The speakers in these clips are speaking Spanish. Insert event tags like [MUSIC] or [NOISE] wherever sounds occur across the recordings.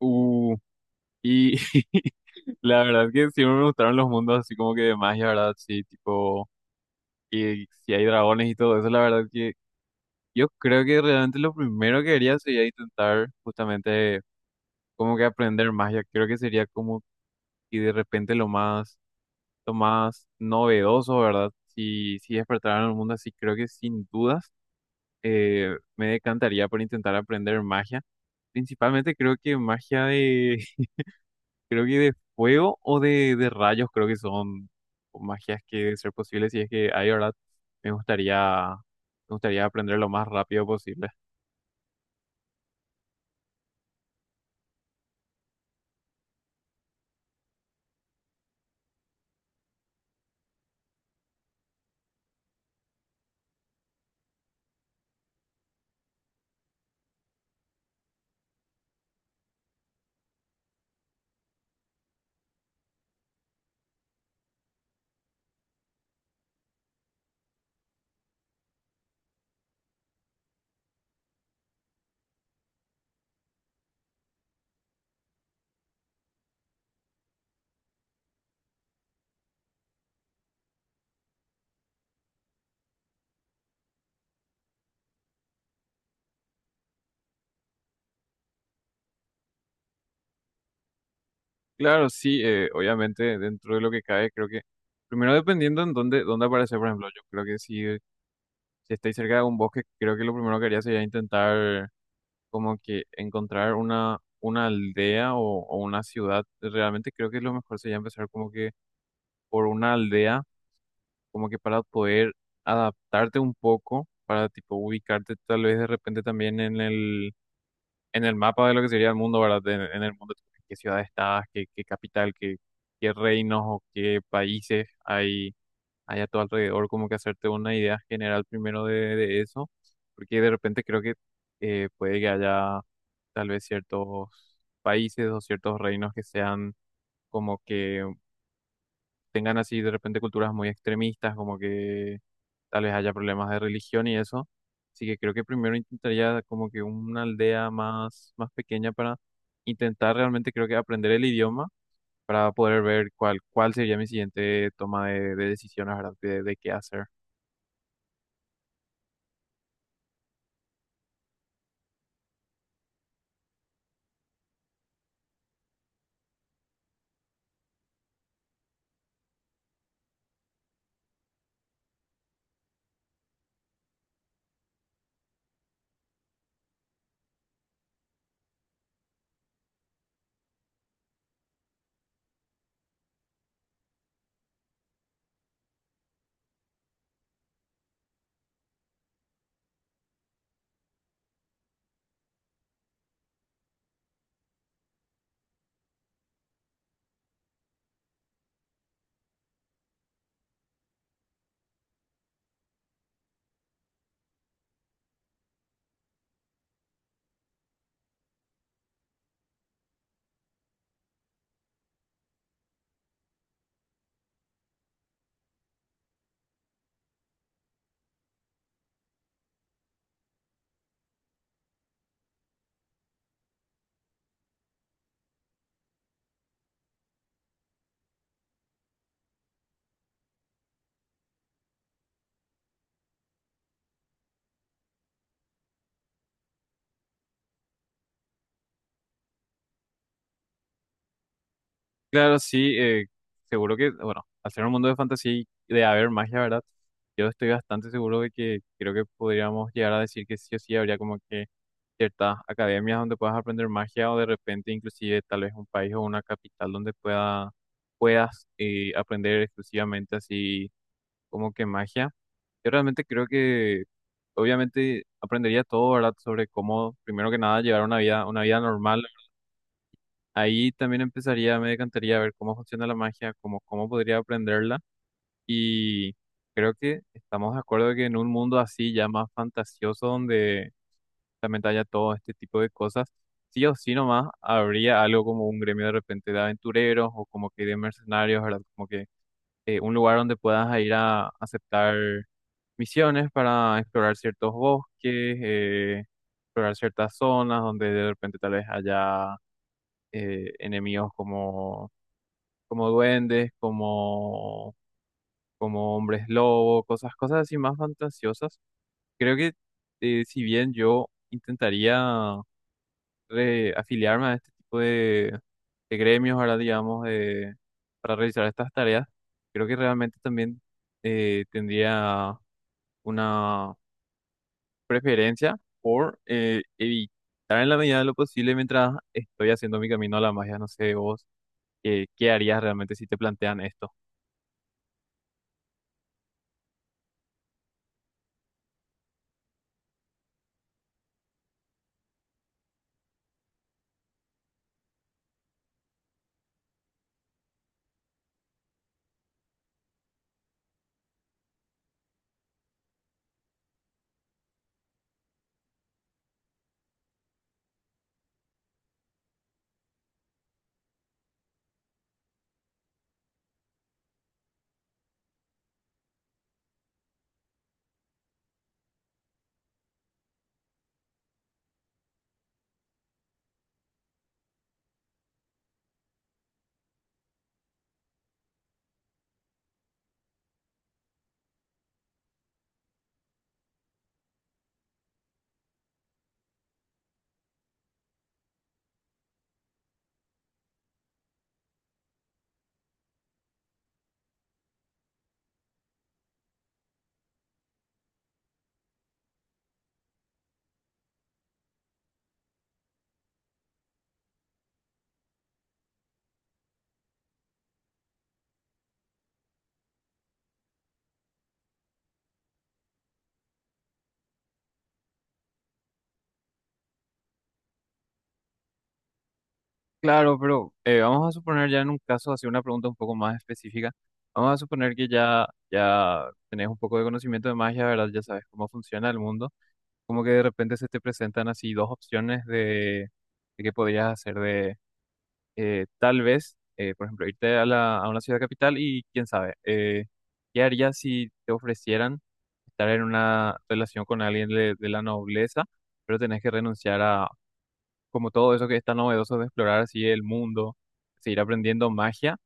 Uh, y [LAUGHS] la verdad que siempre me gustaron los mundos así como que de magia, ¿verdad? Sí, tipo, y si hay dragones y todo eso, la verdad que yo creo que realmente lo primero que haría sería intentar justamente como que aprender magia. Creo que sería como y de repente lo más novedoso, ¿verdad? Si, si despertaran en el mundo así, creo que sin dudas me decantaría por intentar aprender magia. Principalmente creo que magia de, creo que de fuego o de rayos, creo que son magias que deben ser posibles. Y es que ahí, ¿verdad? Me gustaría, me gustaría aprender lo más rápido posible. Claro, sí, obviamente, dentro de lo que cae, creo que. Primero, dependiendo en dónde, dónde aparece, por ejemplo, yo creo que si, si estoy cerca de un bosque, creo que lo primero que haría sería intentar, como que, encontrar una aldea o una ciudad. Realmente, creo que lo mejor sería empezar, como que, por una aldea como que para poder adaptarte un poco, para tipo ubicarte tal vez de repente también en el mapa de lo que sería el mundo, ¿verdad? En el mundo, tipo, qué ciudad estás, qué, qué capital, qué, qué reinos o qué países hay, hay a tu alrededor, como que hacerte una idea general primero de eso, porque de repente creo que puede que haya tal vez ciertos países o ciertos reinos que sean como que tengan así de repente culturas muy extremistas, como que tal vez haya problemas de religión y eso. Así que creo que primero intentaría como que una aldea más, más pequeña para intentar realmente creo que aprender el idioma para poder ver cuál, cuál sería mi siguiente toma de decisiones, ¿verdad? De qué hacer. Claro, sí, seguro que, bueno, al ser un mundo de fantasía y de haber magia, ¿verdad? Yo estoy bastante seguro de que creo que podríamos llegar a decir que sí o sí habría como que ciertas academias donde puedas aprender magia o de repente inclusive tal vez un país o una capital donde pueda, puedas aprender exclusivamente así como que magia. Yo realmente creo que obviamente aprendería todo, ¿verdad? Sobre cómo, primero que nada, llevar una vida normal. Ahí también empezaría, me decantaría a ver cómo funciona la magia, cómo, cómo podría aprenderla. Y creo que estamos de acuerdo que en un mundo así ya más fantasioso donde realmente haya todo este tipo de cosas, sí o sí nomás habría algo como un gremio de repente de aventureros o como que de mercenarios, ¿verdad? Como que un lugar donde puedas ir a aceptar misiones para explorar ciertos bosques, explorar ciertas zonas donde de repente tal vez haya enemigos como, como duendes, como, como hombres lobo, cosas, cosas así más fantasiosas. Creo que si bien yo intentaría afiliarme a este tipo de gremios, ahora digamos, de, para realizar estas tareas, creo que realmente también tendría una preferencia por evitar en la medida de lo posible mientras estoy haciendo mi camino a la magia. No sé, vos, ¿qué harías realmente si te plantean esto? Claro, pero vamos a suponer ya en un caso, hacer una pregunta un poco más específica. Vamos a suponer que ya, ya tenés un poco de conocimiento de magia, ¿verdad? Ya sabes cómo funciona el mundo. Como que de repente se te presentan así dos opciones de qué podrías hacer de tal vez, por ejemplo, irte a la, a una ciudad capital y quién sabe, ¿qué harías si te ofrecieran estar en una relación con alguien de la nobleza, pero tenés que renunciar a como todo eso que está novedoso de explorar así el mundo, seguir aprendiendo magia?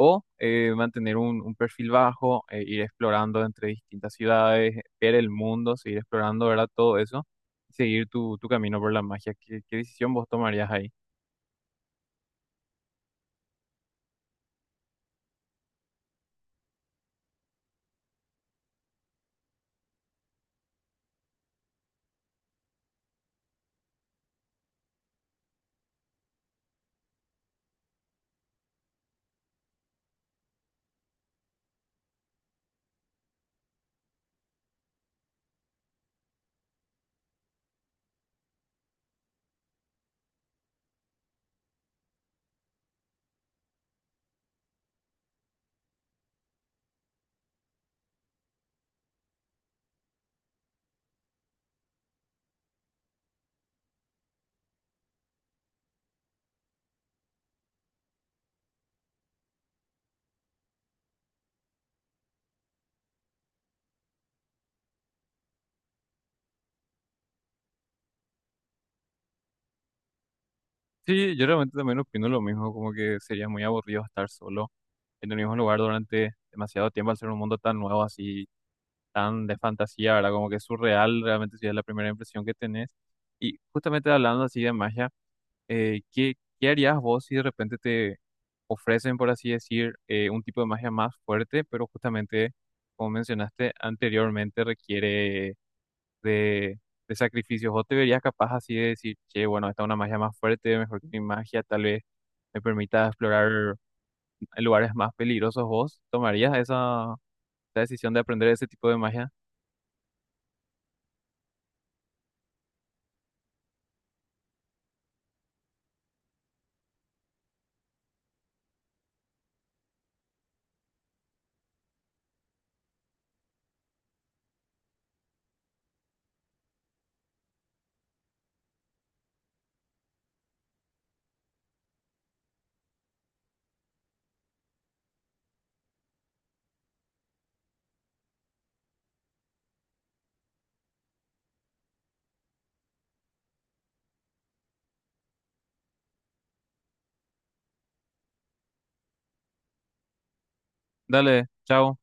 ¿O mantener un perfil bajo, ir explorando entre distintas ciudades, ver el mundo, seguir explorando, ¿verdad? Todo eso y seguir tu, tu camino por la magia. ¿Qué, qué decisión vos tomarías ahí? Sí, yo realmente también opino lo mismo, como que sería muy aburrido estar solo en el mismo lugar durante demasiado tiempo al ser un mundo tan nuevo, así, tan de fantasía, ¿verdad? Como que es surreal, realmente sería la primera impresión que tenés. Y justamente hablando así de magia, ¿qué, qué harías vos si de repente te ofrecen, por así decir, un tipo de magia más fuerte, pero justamente, como mencionaste anteriormente, requiere de, de sacrificios? ¿Vos te verías capaz así de decir, che, bueno, esta es una magia más fuerte, mejor que mi magia, tal vez me permita explorar lugares más peligrosos? ¿Vos tomarías esa, esa decisión de aprender ese tipo de magia? Dale, chao.